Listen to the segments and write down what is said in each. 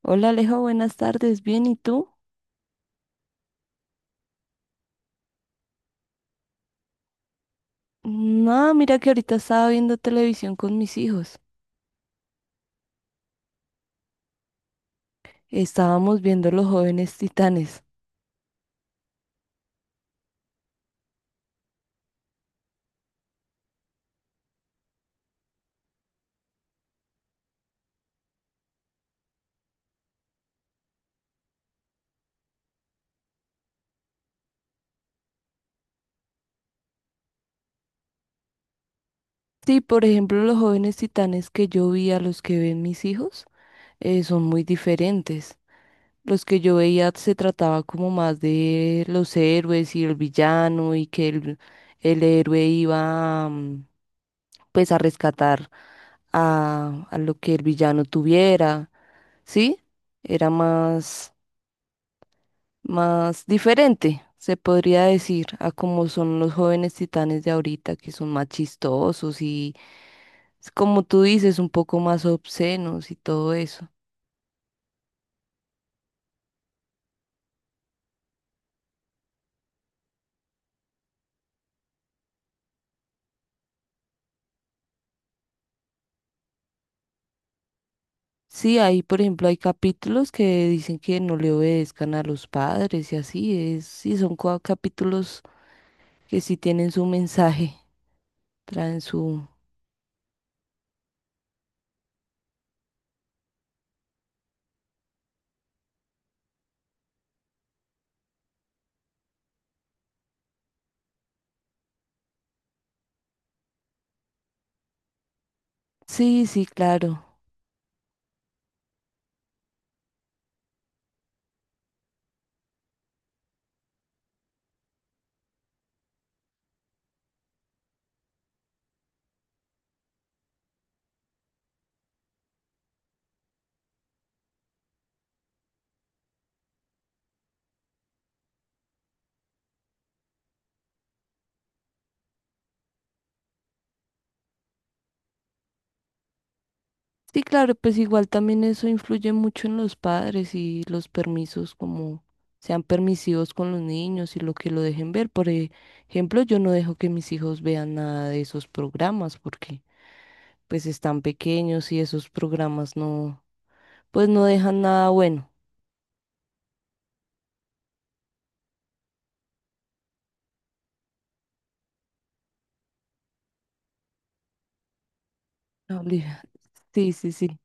Hola Alejo, buenas tardes. Bien, ¿y tú? No, mira que ahorita estaba viendo televisión con mis hijos. Estábamos viendo Los Jóvenes Titanes. Sí, por ejemplo, los Jóvenes Titanes que yo vi a los que ven mis hijos son muy diferentes. Los que yo veía se trataba como más de los héroes y el villano y el héroe iba pues a rescatar a lo que el villano tuviera, ¿sí? Era más, más diferente, se podría decir, a como son los jóvenes titanes de ahorita, que son más chistosos como tú dices, un poco más obscenos y todo eso. Sí, ahí por ejemplo, hay capítulos que dicen que no le obedezcan a los padres y así es. Sí, son capítulos que sí tienen su mensaje, traen su... Sí, sí, claro. Sí, claro, pues igual también eso influye mucho en los padres y los permisos, como sean permisivos con los niños y lo que lo dejen ver. Por ejemplo, yo no dejo que mis hijos vean nada de esos programas porque pues están pequeños y esos programas no, pues no dejan nada bueno. No, Sí, sí, sí.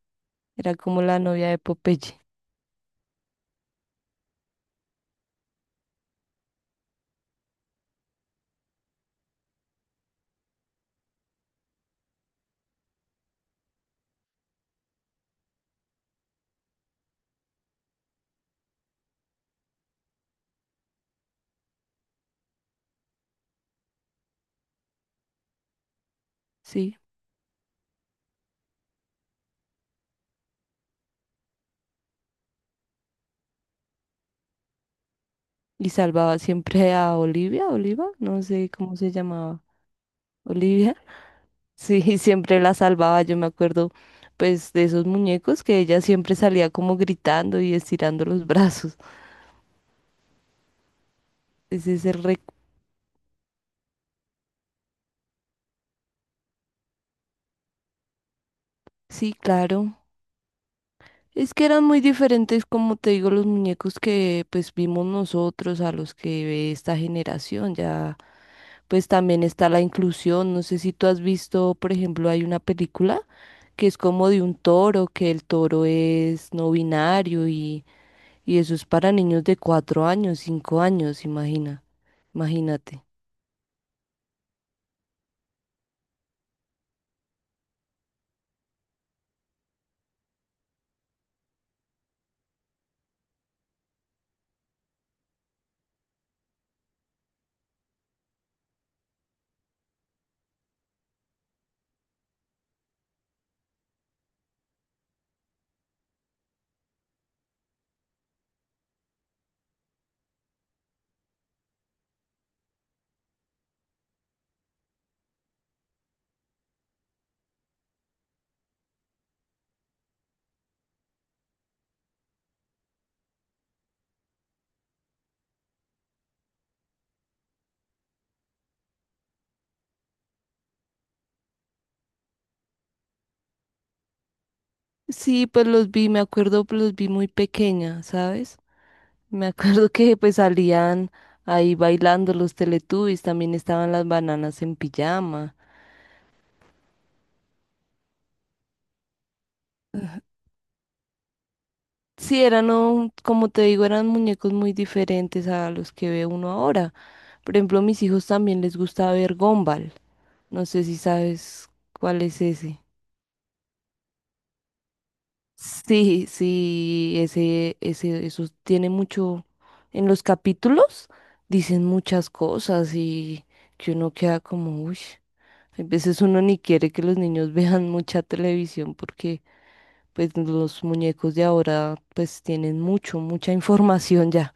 Era como la novia de Popeye, sí. Y salvaba siempre a Olivia, Oliva, no sé cómo se llamaba. Olivia. Sí, siempre la salvaba, yo me acuerdo pues de esos muñecos que ella siempre salía como gritando y estirando los brazos. Ese es el rec... Sí, claro. Es que eran muy diferentes, como te digo, los muñecos que pues vimos nosotros a los que ve esta generación. Ya pues también está la inclusión. No sé si tú has visto, por ejemplo, hay una película que es como de un toro, que el toro es no binario. Y eso es para niños de 4 años, 5 años, imagina, imagínate. Sí, pues los vi, me acuerdo, pues los vi muy pequeña, ¿sabes? Me acuerdo que pues salían ahí bailando los Teletubbies, también estaban las bananas en pijama. Sí, eran, como te digo, eran muñecos muy diferentes a los que ve uno ahora. Por ejemplo, a mis hijos también les gusta ver Gumball. No sé si sabes cuál es ese. Sí, sí, ese, eso tiene mucho. En los capítulos dicen muchas cosas y que uno queda como, uy, a veces uno ni quiere que los niños vean mucha televisión porque pues los muñecos de ahora pues tienen mucha información ya.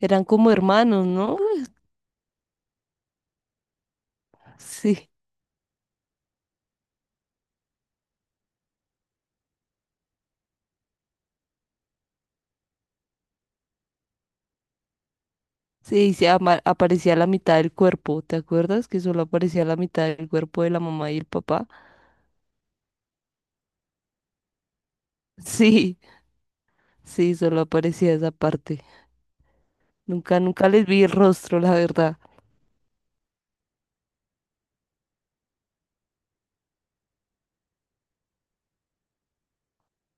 Eran como hermanos, ¿no? Sí, sí, aparecía la mitad del cuerpo, ¿te acuerdas? Que solo aparecía la mitad del cuerpo de la mamá y el papá. Sí, sí, solo aparecía esa parte. Nunca, nunca les vi el rostro, la verdad.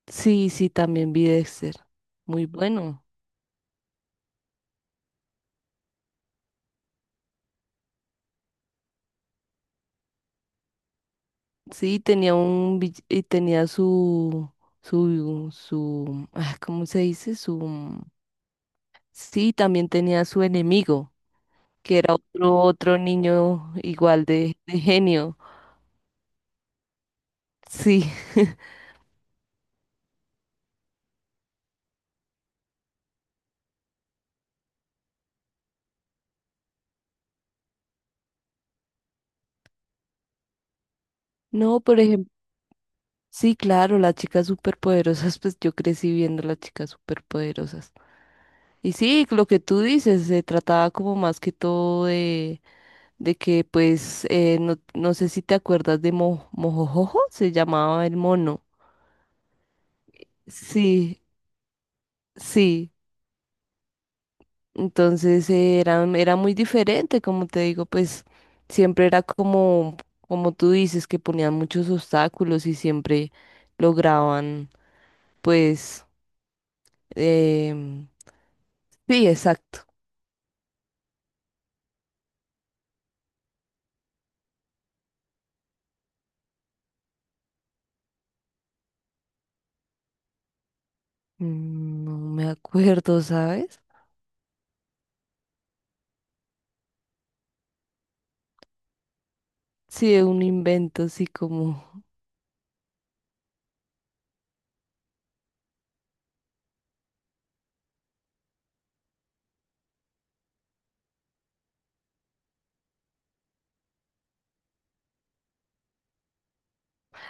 Sí, sí, también vi Dexter. Muy bueno. Sí, tenía un y tenía su, ¿cómo se dice? Su, sí, también tenía su enemigo, que era otro niño igual de genio. Sí. No, por ejemplo, sí, claro, las chicas superpoderosas, pues yo crecí viendo las chicas superpoderosas. Y sí, lo que tú dices, se trataba como más que todo de que pues no sé si te acuerdas de Mojojojo, se llamaba el mono. Sí, sí. Entonces era, era muy diferente, como te digo, pues siempre era como, como tú dices, que ponían muchos obstáculos y siempre lograban, pues, em, sí, exacto. Mm, no me acuerdo, ¿sabes? Sí, de un invento así como...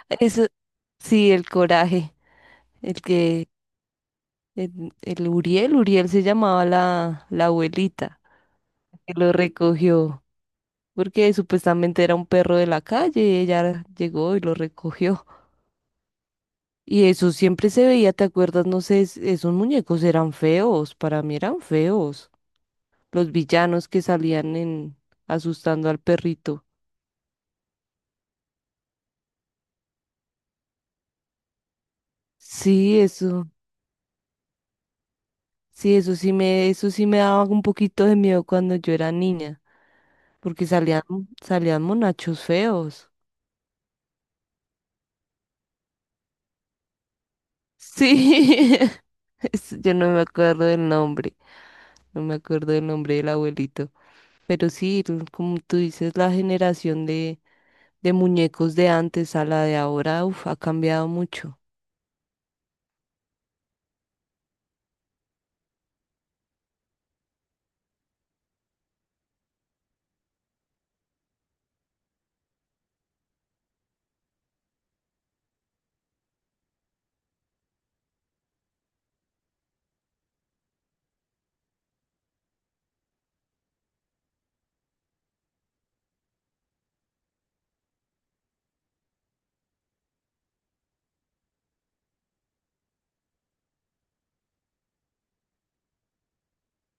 Eso, sí, el coraje, el que... El Uriel, Uriel se llamaba la abuelita que lo recogió, porque supuestamente era un perro de la calle y ella llegó y lo recogió. Y eso siempre se veía, ¿te acuerdas? No sé, esos muñecos eran feos, para mí eran feos. Los villanos que salían en asustando al perrito. Sí, eso, sí, eso sí me daba un poquito de miedo cuando yo era niña, porque salían monachos feos. Sí. Es- yo no me acuerdo del nombre, no me acuerdo del nombre del abuelito, pero sí, como tú dices, la generación de muñecos de antes a la de ahora, uf, ha cambiado mucho.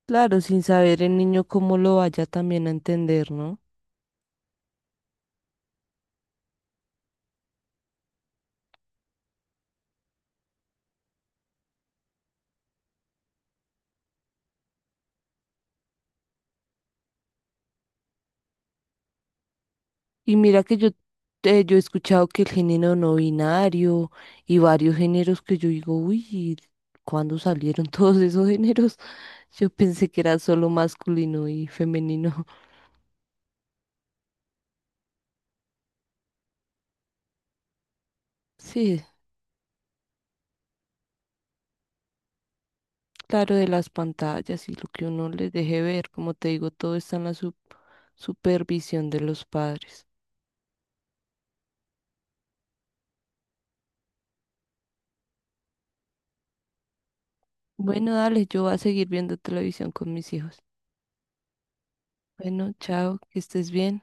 Claro, sin saber el niño cómo lo vaya también a entender, ¿no? Y mira que yo he escuchado que el género no binario y varios géneros que yo digo, uy, ¿cuándo salieron todos esos géneros? Yo pensé que era solo masculino y femenino. Sí, claro, de las pantallas y lo que uno les deje ver, como te digo, todo está en la supervisión de los padres. Bueno, dale, yo voy a seguir viendo televisión con mis hijos. Bueno, chao, que estés bien.